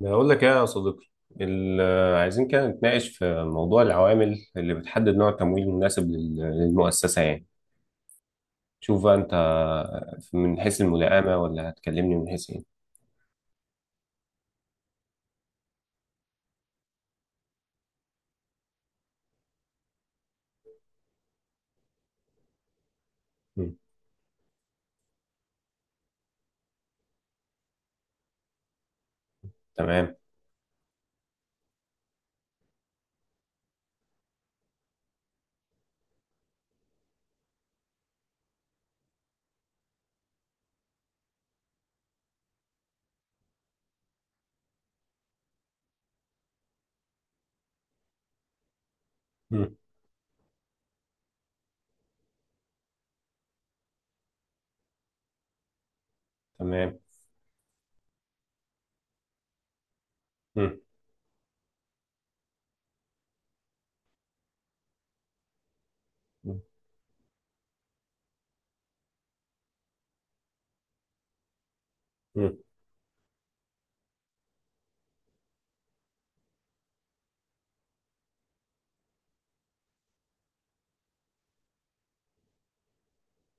بقول لك ايه يا صديقي. عايزين كده نتناقش في موضوع العوامل اللي بتحدد نوع التمويل المناسب للمؤسسة يعني. شوف بقى انت، من حيث الملائمة ولا هتكلمني من حيث ايه؟ مم. تمام. مم. تمام. مم. مم.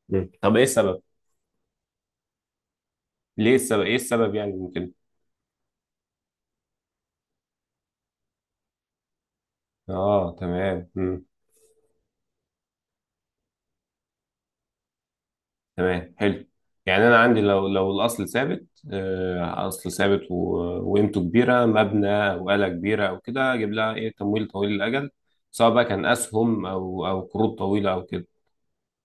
طب ايه السبب؟ ليه السبب ايه السبب يعني ممكن؟ اه تمام. تمام، حلو. يعني انا عندي، لو الاصل ثابت، اصل ثابت وقيمته كبيره، مبنى او آلة كبيره او كده، اجيب لها ايه؟ تمويل طويل الاجل، سواء بقى كان اسهم او قروض طويله او كده.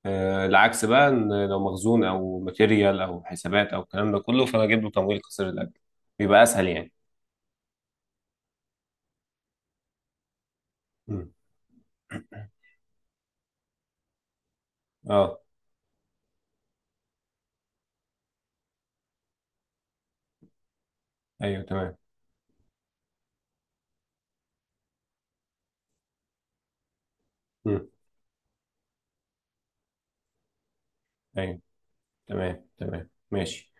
العكس بقى، ان لو مخزون او ماتيريال او حسابات او الكلام ده كله، فانا اجيب له تمويل قصير الاجل، بيبقى اسهل يعني. مم. اه. ايوه تمام. مم. ايوه. تمام تمام ماشي.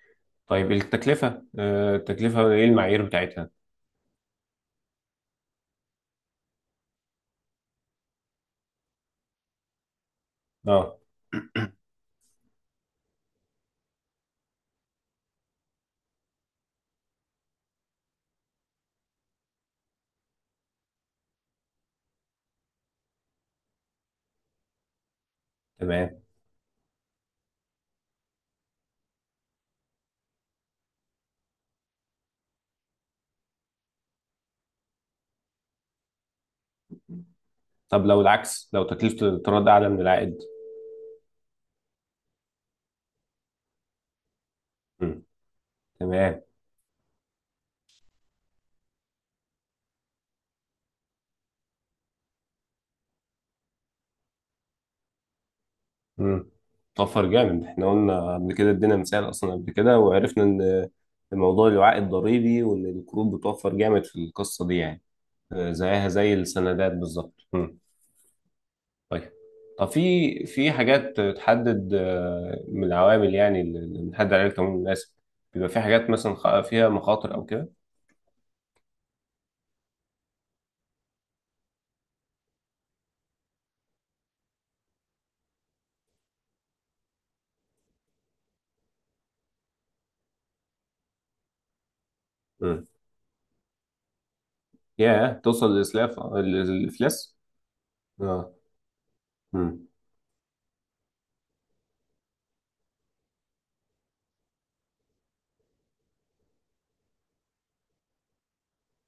طيب التكلفه، التكلفه ايه المعايير بتاعتها؟ اه تمام. طب لو العكس، لو تكلفة الاقتراض أعلى من العائد؟ مم. تمام. مم. توفر جامد، احنا قلنا قبل كده، ادينا مثال أصلا قبل كده، وعرفنا إن الموضوع له عائد ضريبي، وإن القروض بتوفر جامد في القصة دي يعني. آه، زيها زي السندات بالظبط. مم. طيب، طب في في حاجات تحدد، آه، من العوامل يعني اللي بنحدد عليها التمويل المناسب، بيبقى في حاجات مثلا فيها مخاطر أو كده؟ مم. ياه، توصل للإسلاف الإفلاس. اه. مم.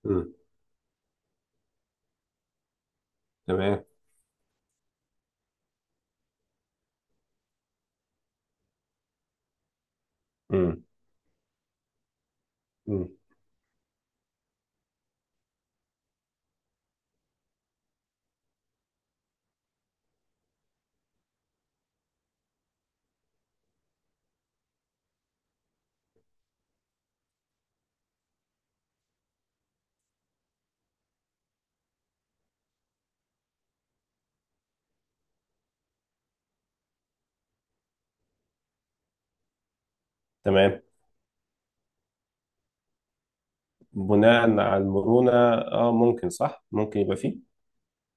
مم. تمام. امم. امم. تمام. بناء على المرونة، اه ممكن، صح، ممكن يبقى فيه،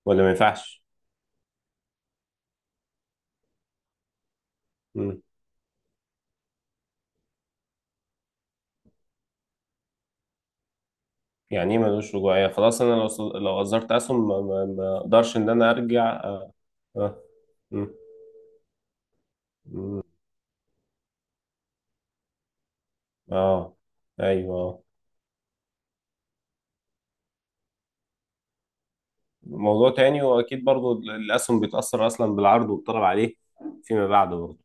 ولا ما ينفعش. امم. يعني ايه ملوش رجوعية؟ خلاص، انا لو لو اصدرت اسهم، ما اقدرش ان انا ارجع؟ اه. اه. مم. مم. آه. ايوه. آه. موضوع تاني، واكيد برضو الاسهم بيتأثر اصلا بالعرض والطلب عليه فيما بعد برضو.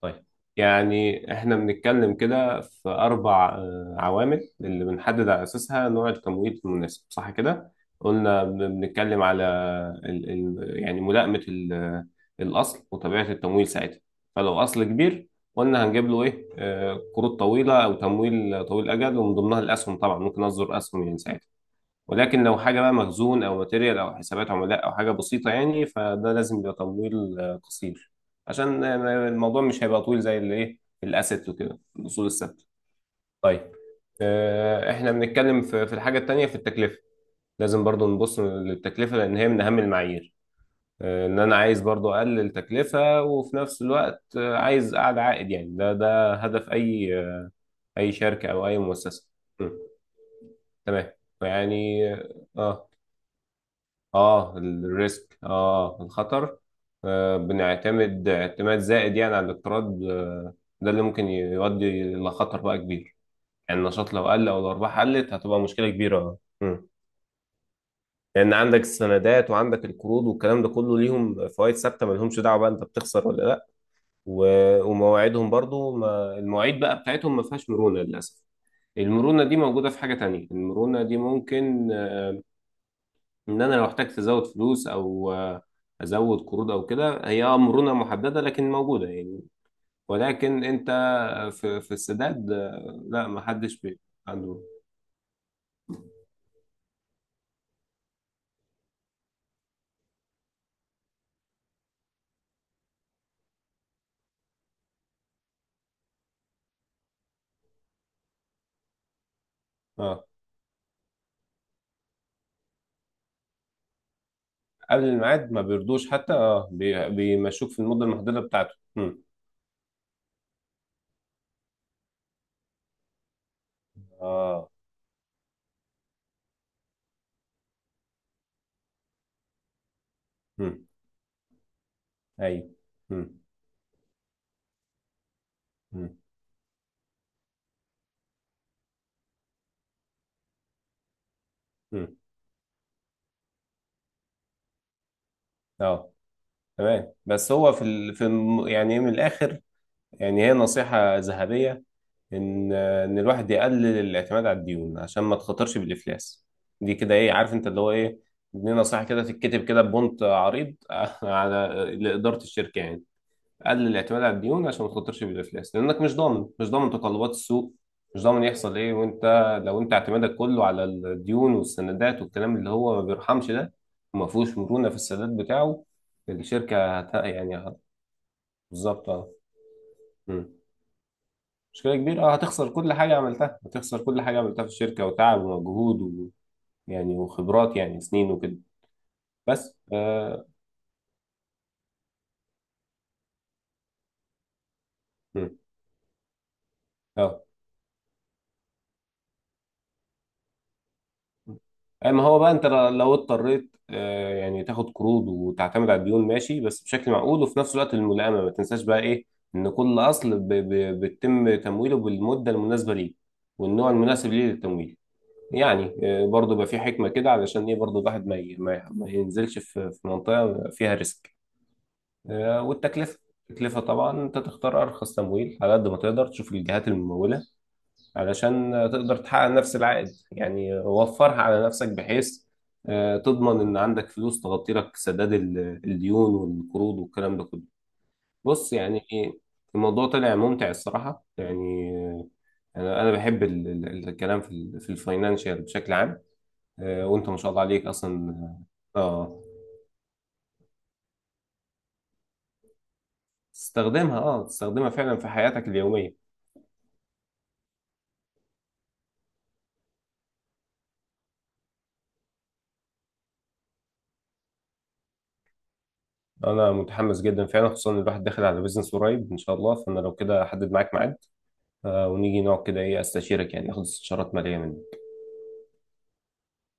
طيب، يعني احنا بنتكلم كده في اربع، آه، عوامل اللي بنحدد على اساسها نوع التمويل المناسب، صح كده؟ قلنا بنتكلم على ال يعني ملائمة الاصل وطبيعة التمويل ساعتها. فلو اصل كبير، قلنا هنجيب له ايه؟ آه، قروض طويلة او تمويل طويل الاجل، ومن ضمنها الاسهم طبعا، ممكن اصدر اسهم يعني ساعتها. ولكن لو حاجة بقى مخزون أو ماتيريال أو حسابات عملاء أو حاجة بسيطة يعني، فده لازم يبقى تمويل، آه، قصير، عشان، آه، الموضوع مش هيبقى طويل زي اللي إيه، الأسيت وكده، الأصول الثابتة. طيب، آه، إحنا بنتكلم في في الحاجة التانية، في التكلفة. لازم برضو نبص للتكلفة، لأن هي من أهم المعايير. آه، إن أنا عايز برضو أقلل تكلفة، وفي نفس الوقت، آه، عايز أعلى عائد يعني، ده ده هدف أي، آه، أي شركة أو أي مؤسسة. م، تمام. يعني، آه. اه، الريسك، اه، الخطر. آه، بنعتمد اعتماد زائد يعني على الاقتراض، آه. ده اللي ممكن يؤدي لخطر بقى كبير، يعني النشاط لو قل او الارباح قلت، هتبقى مشكله كبيره. اه. مم. لان عندك السندات وعندك القروض والكلام ده كله، ليهم فوائد ثابته، ما لهمش دعوه بقى انت بتخسر ولا لا. ومواعيدهم برضو، ما المواعيد بقى بتاعتهم ما فيهاش مرونه للاسف. المرونه دي موجوده في حاجه تانية، المرونه دي ممكن ان انا لو احتجت ازود فلوس، او آه، ازود قروض او كده، هي آه، مرونه محدده لكن موجوده يعني. ولكن انت في في السداد، آه، لا، ما حدش عنده. اه، قبل الميعاد ما بيرضوش حتى، اه، بيمشوك في المده المحدده بتاعته. مم. اه. مم. ايوه. مم. مم. مم. اه تمام. بس هو في ال... في يعني من الاخر، يعني هي نصيحه ذهبيه، ان ان الواحد يقلل الاعتماد على الديون عشان ما تخاطرش بالافلاس. دي كده ايه، عارف انت اللي هو ايه، دي نصيحه كده تتكتب كده ببونت عريض على لاداره الشركه يعني. قلل الاعتماد على الديون عشان ما تخاطرش بالافلاس، لانك مش ضامن، مش ضامن تقلبات السوق، مش ضامن يحصل ايه، وانت لو انت اعتمادك كله على الديون والسندات والكلام اللي هو ما بيرحمش ده، وما فيهوش مرونه في السداد بتاعه، الشركه يعني بالظبط. اه. مم. مشكلة كبيرة، اه، هتخسر كل حاجة عملتها، هتخسر كل حاجة عملتها في الشركة، وتعب ومجهود و... يعني وخبرات، يعني سنين وكده. بس اه. مم. اه، اما هو بقى، انت لو اضطريت، آه، يعني تاخد قروض وتعتمد على الديون، ماشي بس بشكل معقول، وفي نفس الوقت الملائمة ما تنساش بقى ايه، ان كل اصل ب... ب... بيتم تمويله بالمدة المناسبة ليه، والنوع المناسب ليه للتمويل. يعني آه برضه بقى في حكمة كده، علشان ايه برضه الواحد ما, ي... ما ينزلش في... في منطقة فيها ريسك. آه، والتكلفة، التكلفة طبعا انت تختار ارخص تمويل على قد ما تقدر، تشوف الجهات الممولة، علشان آه، تقدر تحقق نفس العائد يعني، وفرها على نفسك، بحيث آه، تضمن ان عندك فلوس تغطي لك سداد الديون والقروض والكلام ده كله. بص يعني إيه، الموضوع طلع ممتع الصراحة يعني، آه، انا بحب الكلام في ال- في الفاينانشال بشكل عام. آه، وانت ما شاء الله عليك اصلا. اه تستخدمها، اه تستخدمها فعلا في حياتك اليومية. انا متحمس جدا فعلا، خصوصا ان الواحد داخل على بيزنس قريب ان شاء الله، فانا لو كده احدد معاك ميعاد، آه، ونيجي نقعد كده ايه، استشيرك يعني، ناخد استشارات ماليه منك.